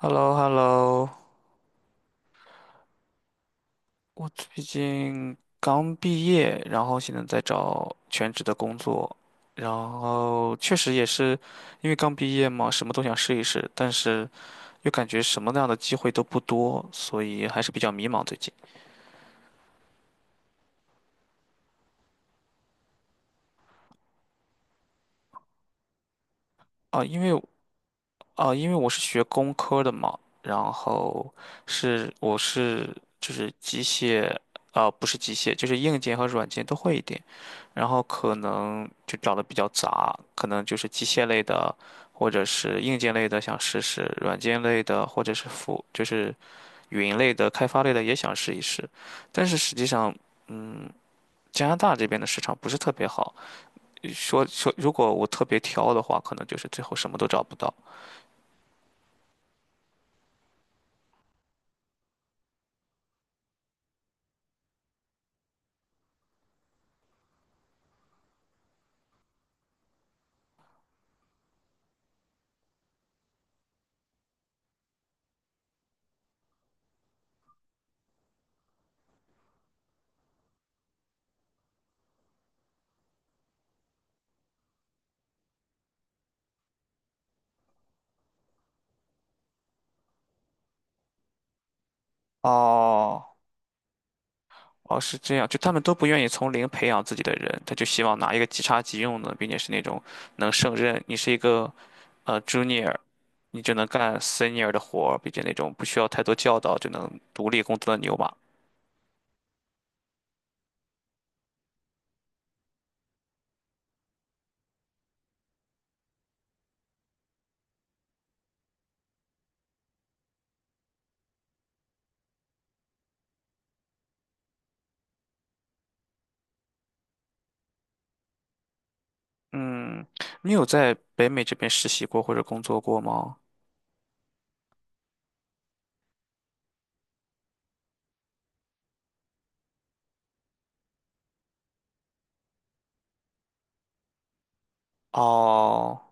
h e l l o, Hello. 我最近刚毕业，然后现在在找全职的工作，然后确实也是因为刚毕业嘛，什么都想试一试，但是又感觉什么样的机会都不多，所以还是比较迷茫最近啊。因为我是学工科的嘛，然后是我是就是机械。啊，不是机械，就是硬件和软件都会一点，然后可能就找的比较杂，可能就是机械类的，或者是硬件类的想试试，软件类的或者是就是云类的、开发类的也想试一试，但是实际上，嗯，加拿大这边的市场不是特别好，说如果我特别挑的话，可能就是最后什么都找不到。哦，哦，是这样，就他们都不愿意从零培养自己的人，他就希望拿一个即插即用的，并且是那种能胜任。你是一个junior，你就能干 senior 的活儿，并且那种不需要太多教导就能独立工作的牛马。嗯，你有在北美这边实习过或者工作过吗？哦，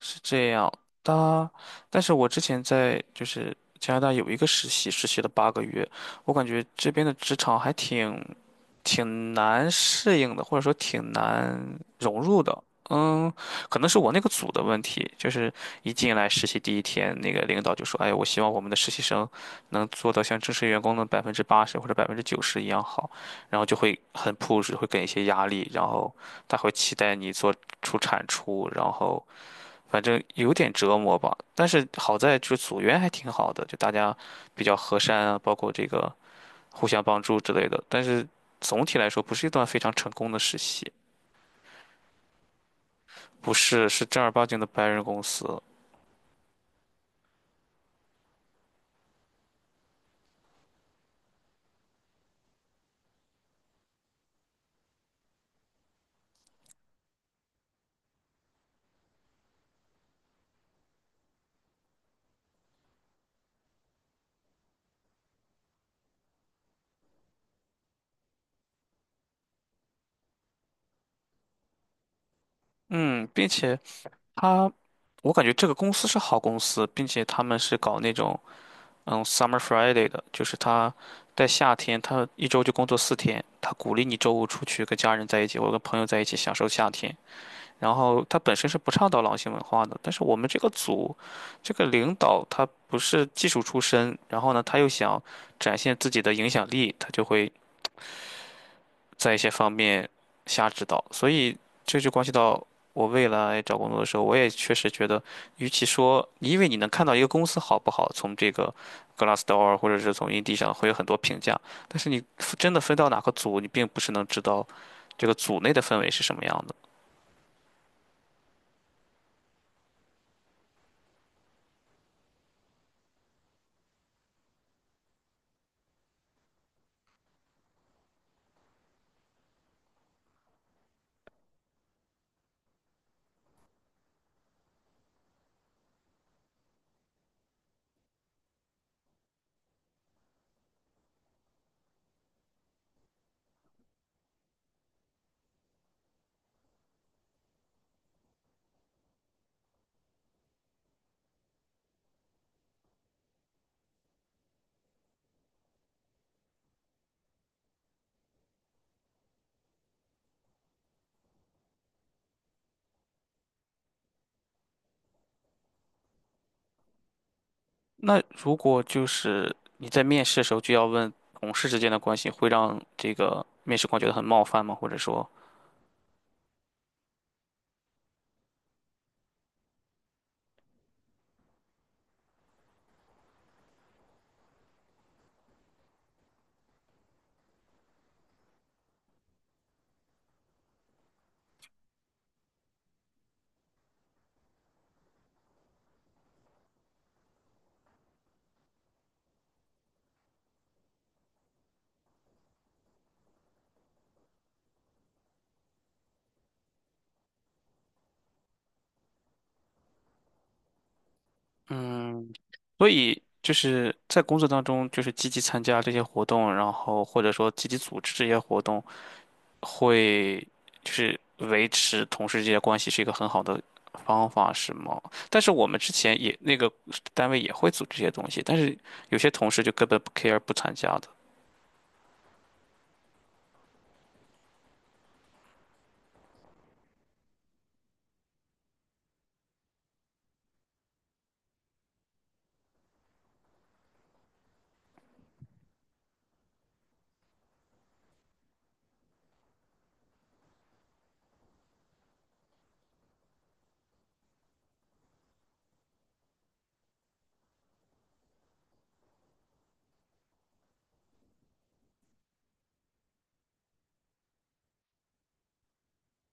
是这样的。但是我之前在就是加拿大有一个实习，实习了8个月。我感觉这边的职场还挺难适应的，或者说挺难融入的。嗯，可能是我那个组的问题，就是一进来实习第一天，那个领导就说：“哎，我希望我们的实习生能做到像正式员工的80%或者90%一样好。”然后就会很 push，会给一些压力，然后他会期待你做出产出。然后。反正有点折磨吧，但是好在就是组员还挺好的，就大家比较和善啊，包括这个互相帮助之类的。但是总体来说，不是一段非常成功的实习。不是，是正儿八经的白人公司。嗯，并且他，我感觉这个公司是好公司，并且他们是搞那种Summer Friday 的，就是他在夏天，他一周就工作4天，他鼓励你周五出去跟家人在一起，或者跟朋友在一起享受夏天。然后他本身是不倡导狼性文化的，但是我们这个组，这个领导他不是技术出身，然后呢，他又想展现自己的影响力，他就会在一些方面瞎指导。所以这就关系到我未来找工作的时候，我也确实觉得，与其说因为你能看到一个公司好不好，从这个 Glassdoor 或者是从 Indeed 上会有很多评价，但是你真的分到哪个组，你并不是能知道这个组内的氛围是什么样的。那如果就是你在面试的时候就要问同事之间的关系，会让这个面试官觉得很冒犯吗？或者说，嗯，所以就是在工作当中，就是积极参加这些活动，然后或者说积极组织这些活动，会就是维持同事之间的关系是一个很好的方法，是吗？但是我们之前也那个单位也会组织这些东西，但是有些同事就根本不 care 不参加的。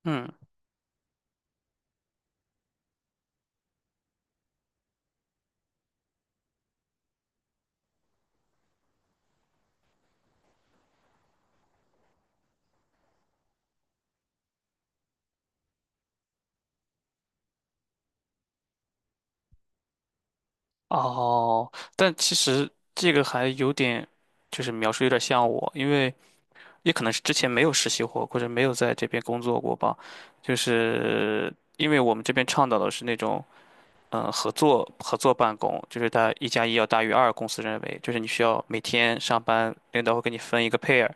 嗯哦，但其实这个还有点，就是描述有点像我，因为也可能是之前没有实习过，或者没有在这边工作过吧。就是因为我们这边倡导的是那种。合作办公，就是它1加1要大于二，公司认为就是你需要每天上班，领导会给你分一个 pair，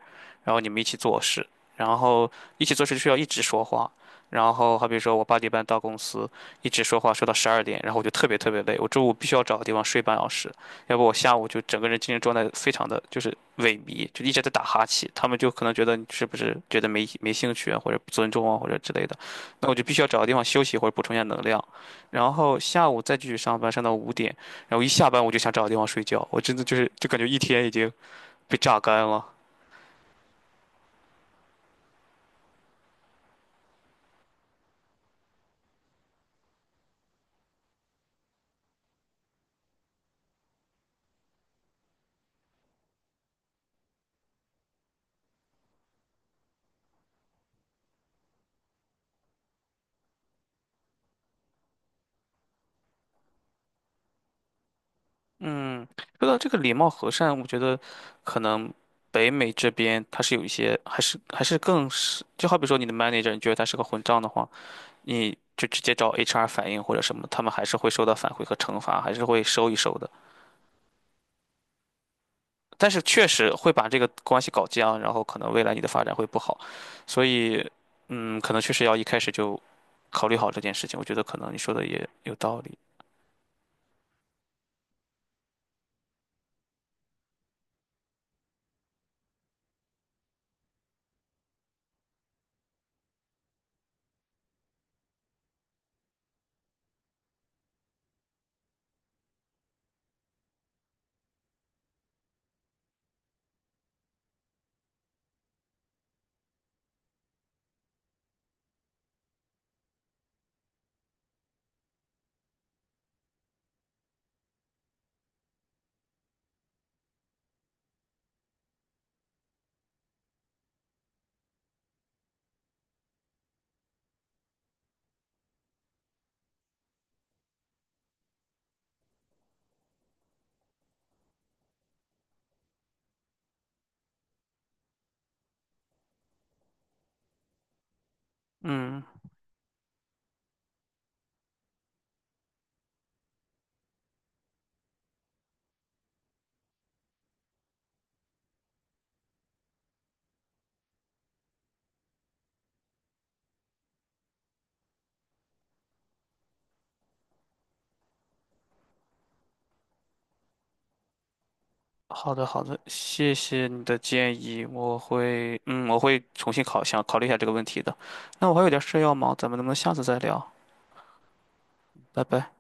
然后你们一起做事，然后一起做事就需要一直说话。然后好比说我8点半到公司，一直说话说到12点，然后我就特别特别累，我中午必须要找个地方睡半小时，要不我下午就整个人精神状态非常的就是萎靡，就一直在打哈欠，他们就可能觉得你是不是觉得没兴趣啊，或者不尊重啊，或者之类的，那我就必须要找个地方休息或者补充一下能量。然后下午再继续上班，上到5点，然后一下班我就想找个地方睡觉，我真的就是就感觉一天已经被榨干了。嗯，说到这个礼貌和善，我觉得可能北美这边它是有一些，还是更是，就好比说你的 manager，你觉得他是个混账的话，你就直接找 HR 反映或者什么，他们还是会收到反馈和惩罚，还是会收一收的。但是确实会把这个关系搞僵，然后可能未来你的发展会不好，所以，可能确实要一开始就考虑好这件事情。我觉得可能你说的也有道理。嗯，好的好的，谢谢你的建议，我会重新考虑一下这个问题的。那我还有点事要忙，咱们能不能下次再聊？拜拜。